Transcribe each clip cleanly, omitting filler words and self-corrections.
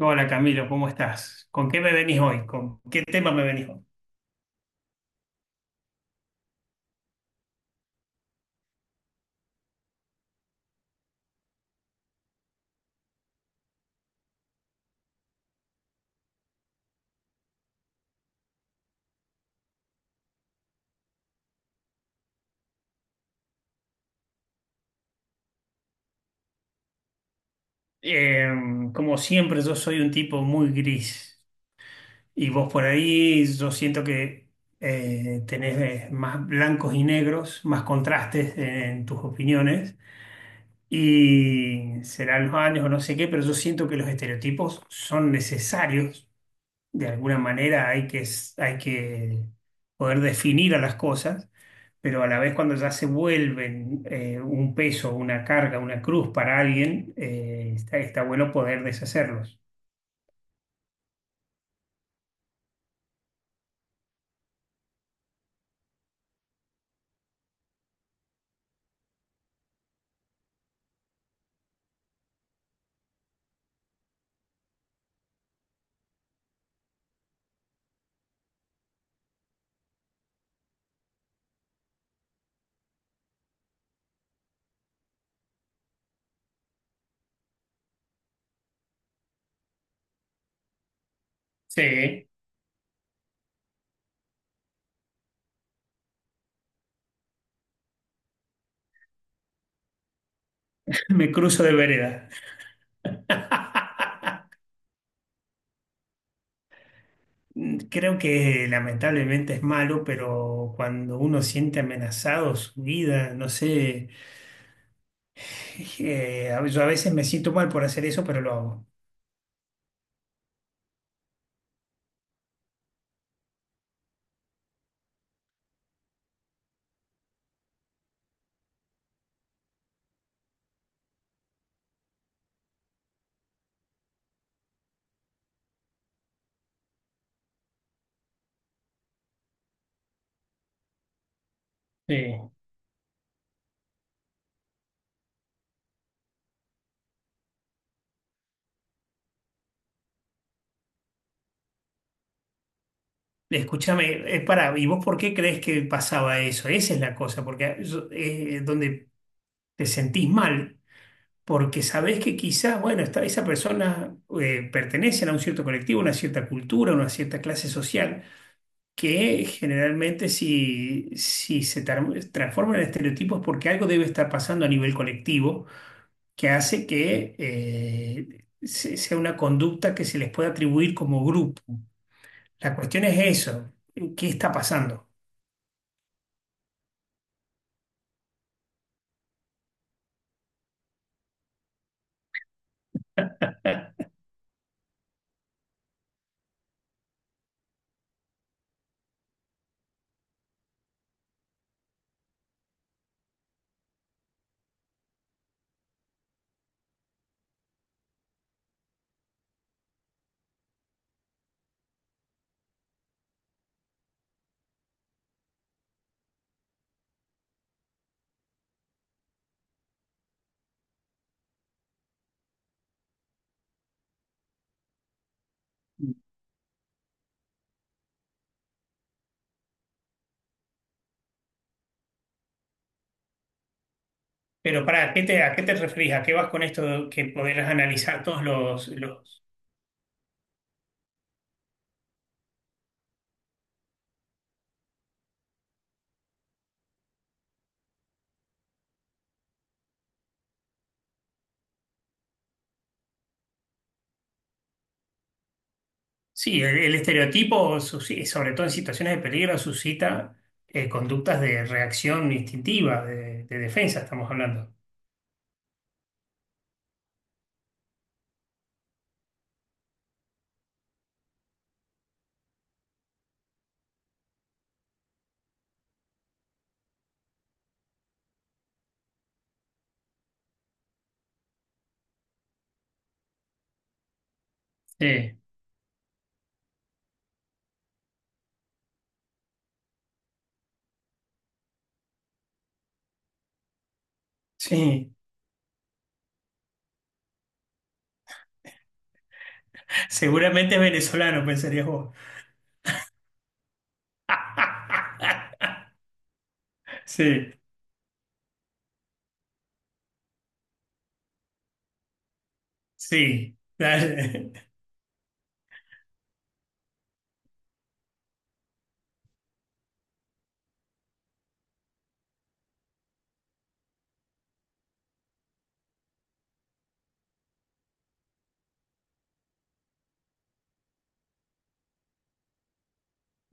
Hola Camilo, ¿cómo estás? ¿Con qué me venís hoy? ¿Con qué tema me venís hoy? Eh, Como siempre, yo soy un tipo muy gris y vos por ahí yo siento que tenés más blancos y negros, más contrastes en tus opiniones, y serán los años o no sé qué, pero yo siento que los estereotipos son necesarios. De alguna manera hay hay que poder definir a las cosas, pero a la vez cuando ya se vuelven un peso, una carga, una cruz para alguien, está bueno poder deshacerlos. Sí. Me cruzo de vereda. Creo que lamentablemente es malo, pero cuando uno siente amenazado su vida, no sé. Yo a veces me siento mal por hacer eso, pero lo hago. Sí. Escúchame, pará, ¿y vos por qué crees que pasaba eso? Esa es la cosa, porque donde te sentís mal, porque sabés que quizás, bueno, esa persona pertenece a un cierto colectivo, una cierta cultura, una cierta clase social, que generalmente si, si se tar- transforma en estereotipos es porque algo debe estar pasando a nivel colectivo, que hace que sea una conducta que se les pueda atribuir como grupo. La cuestión es eso, ¿qué está pasando? Pero para, ¿a qué te referís? ¿A qué vas con esto que podrás analizar los... Sí, el estereotipo, sobre todo en situaciones de peligro, suscita conductas de reacción instintiva, de defensa, estamos hablando. Sí, sí. Seguramente es venezolano, pensarías vos. Sí, sí. Dale.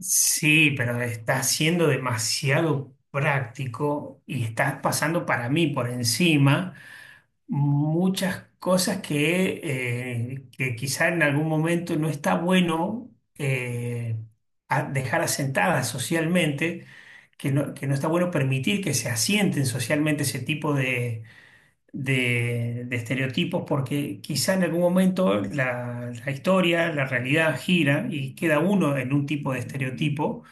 Sí, pero está siendo demasiado práctico y estás pasando para mí por encima, muchas cosas que quizá en algún momento no está bueno, eh, dejar asentadas socialmente, que no está bueno permitir que se asienten socialmente ese tipo de estereotipos, porque quizá en algún momento la historia, la realidad gira y queda uno en un tipo de estereotipo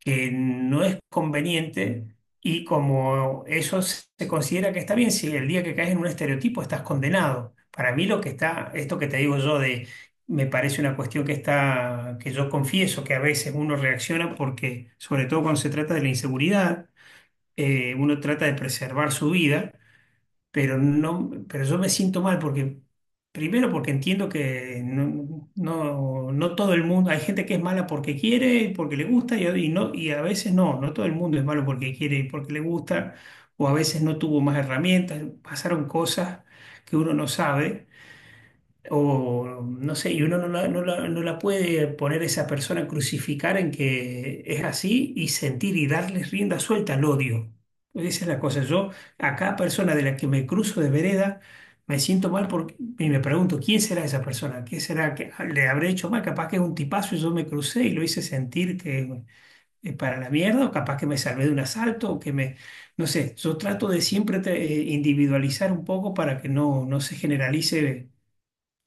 que no es conveniente, y como eso se considera que está bien, si el día que caes en un estereotipo estás condenado. Para mí lo que está, esto que te digo yo, de, me parece una cuestión que está, que yo confieso que a veces uno reacciona porque, sobre todo cuando se trata de la inseguridad, uno trata de preservar su vida, pero no, pero yo me siento mal porque, primero porque entiendo que no todo el mundo, hay gente que es mala porque quiere, porque le gusta, y no, y a veces no, no todo el mundo es malo porque quiere y porque le gusta, o a veces no tuvo más herramientas, pasaron cosas que uno no sabe. O no sé, y uno no la puede poner, a esa persona, a crucificar en que es así y sentir y darles rienda suelta al odio. Esa es la cosa. Yo, a cada persona de la que me cruzo de vereda, me siento mal porque, y me pregunto, ¿quién será esa persona? ¿Qué será que le habré hecho mal? Capaz que es un tipazo y yo me crucé y lo hice sentir que es para la mierda, o capaz que me salvé de un asalto, o que me, no sé. Yo trato de siempre individualizar un poco para que no, no se generalice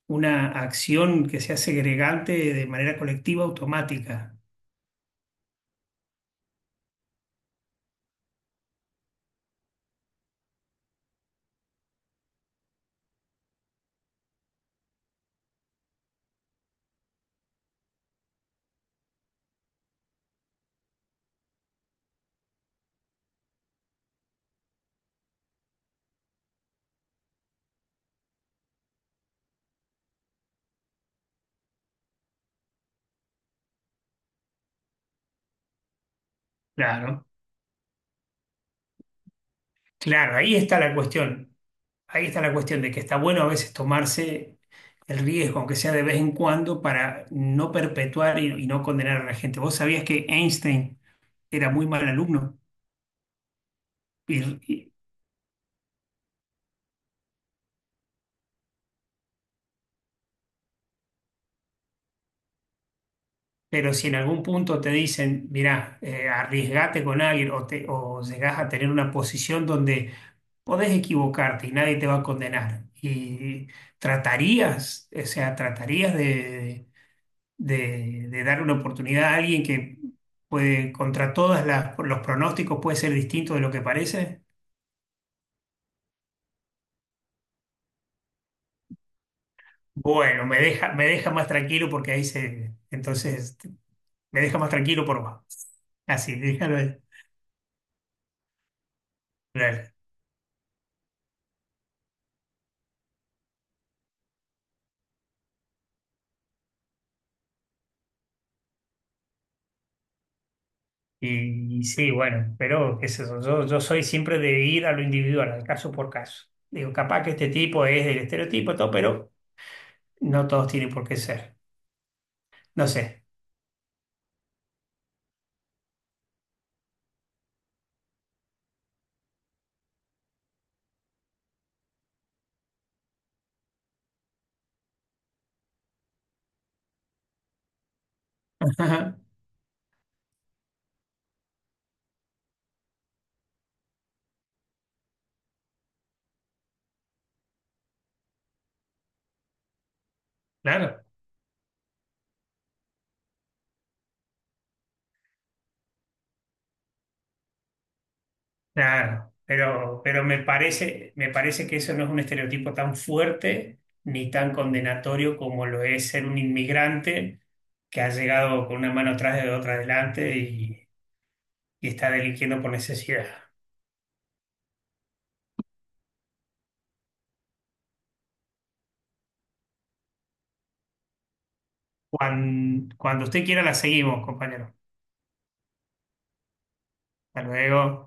una acción que sea segregante de manera colectiva automática. Claro, claro, ahí está la cuestión. Ahí está la cuestión de que está bueno a veces tomarse el riesgo, aunque sea de vez en cuando, para no perpetuar y no condenar a la gente. ¿Vos sabías que Einstein era muy mal alumno? Y, pero si en algún punto te dicen, mirá, arriesgate con alguien o, te, o llegás a tener una posición donde podés equivocarte y nadie te va a condenar. Y tratarías, o sea, tratarías de dar una oportunidad a alguien que puede, contra todos los pronósticos, puede ser distinto de lo que parece. Bueno, me deja más tranquilo porque ahí se, entonces, me deja más tranquilo por vos. Así, déjalo ahí. Claro. Y sí, bueno, pero qué sé yo, yo soy siempre de ir a lo individual, al caso por caso. Digo, capaz que este tipo es del estereotipo, todo, pero no todos tienen por qué ser. No sé. Ajá, claro, claro. Pero me parece que eso no es un estereotipo tan fuerte ni tan condenatorio como lo es ser un inmigrante que ha llegado con una mano atrás de otra adelante y está delinquiendo por necesidad. Cuando usted quiera, la seguimos, compañero. Hasta luego.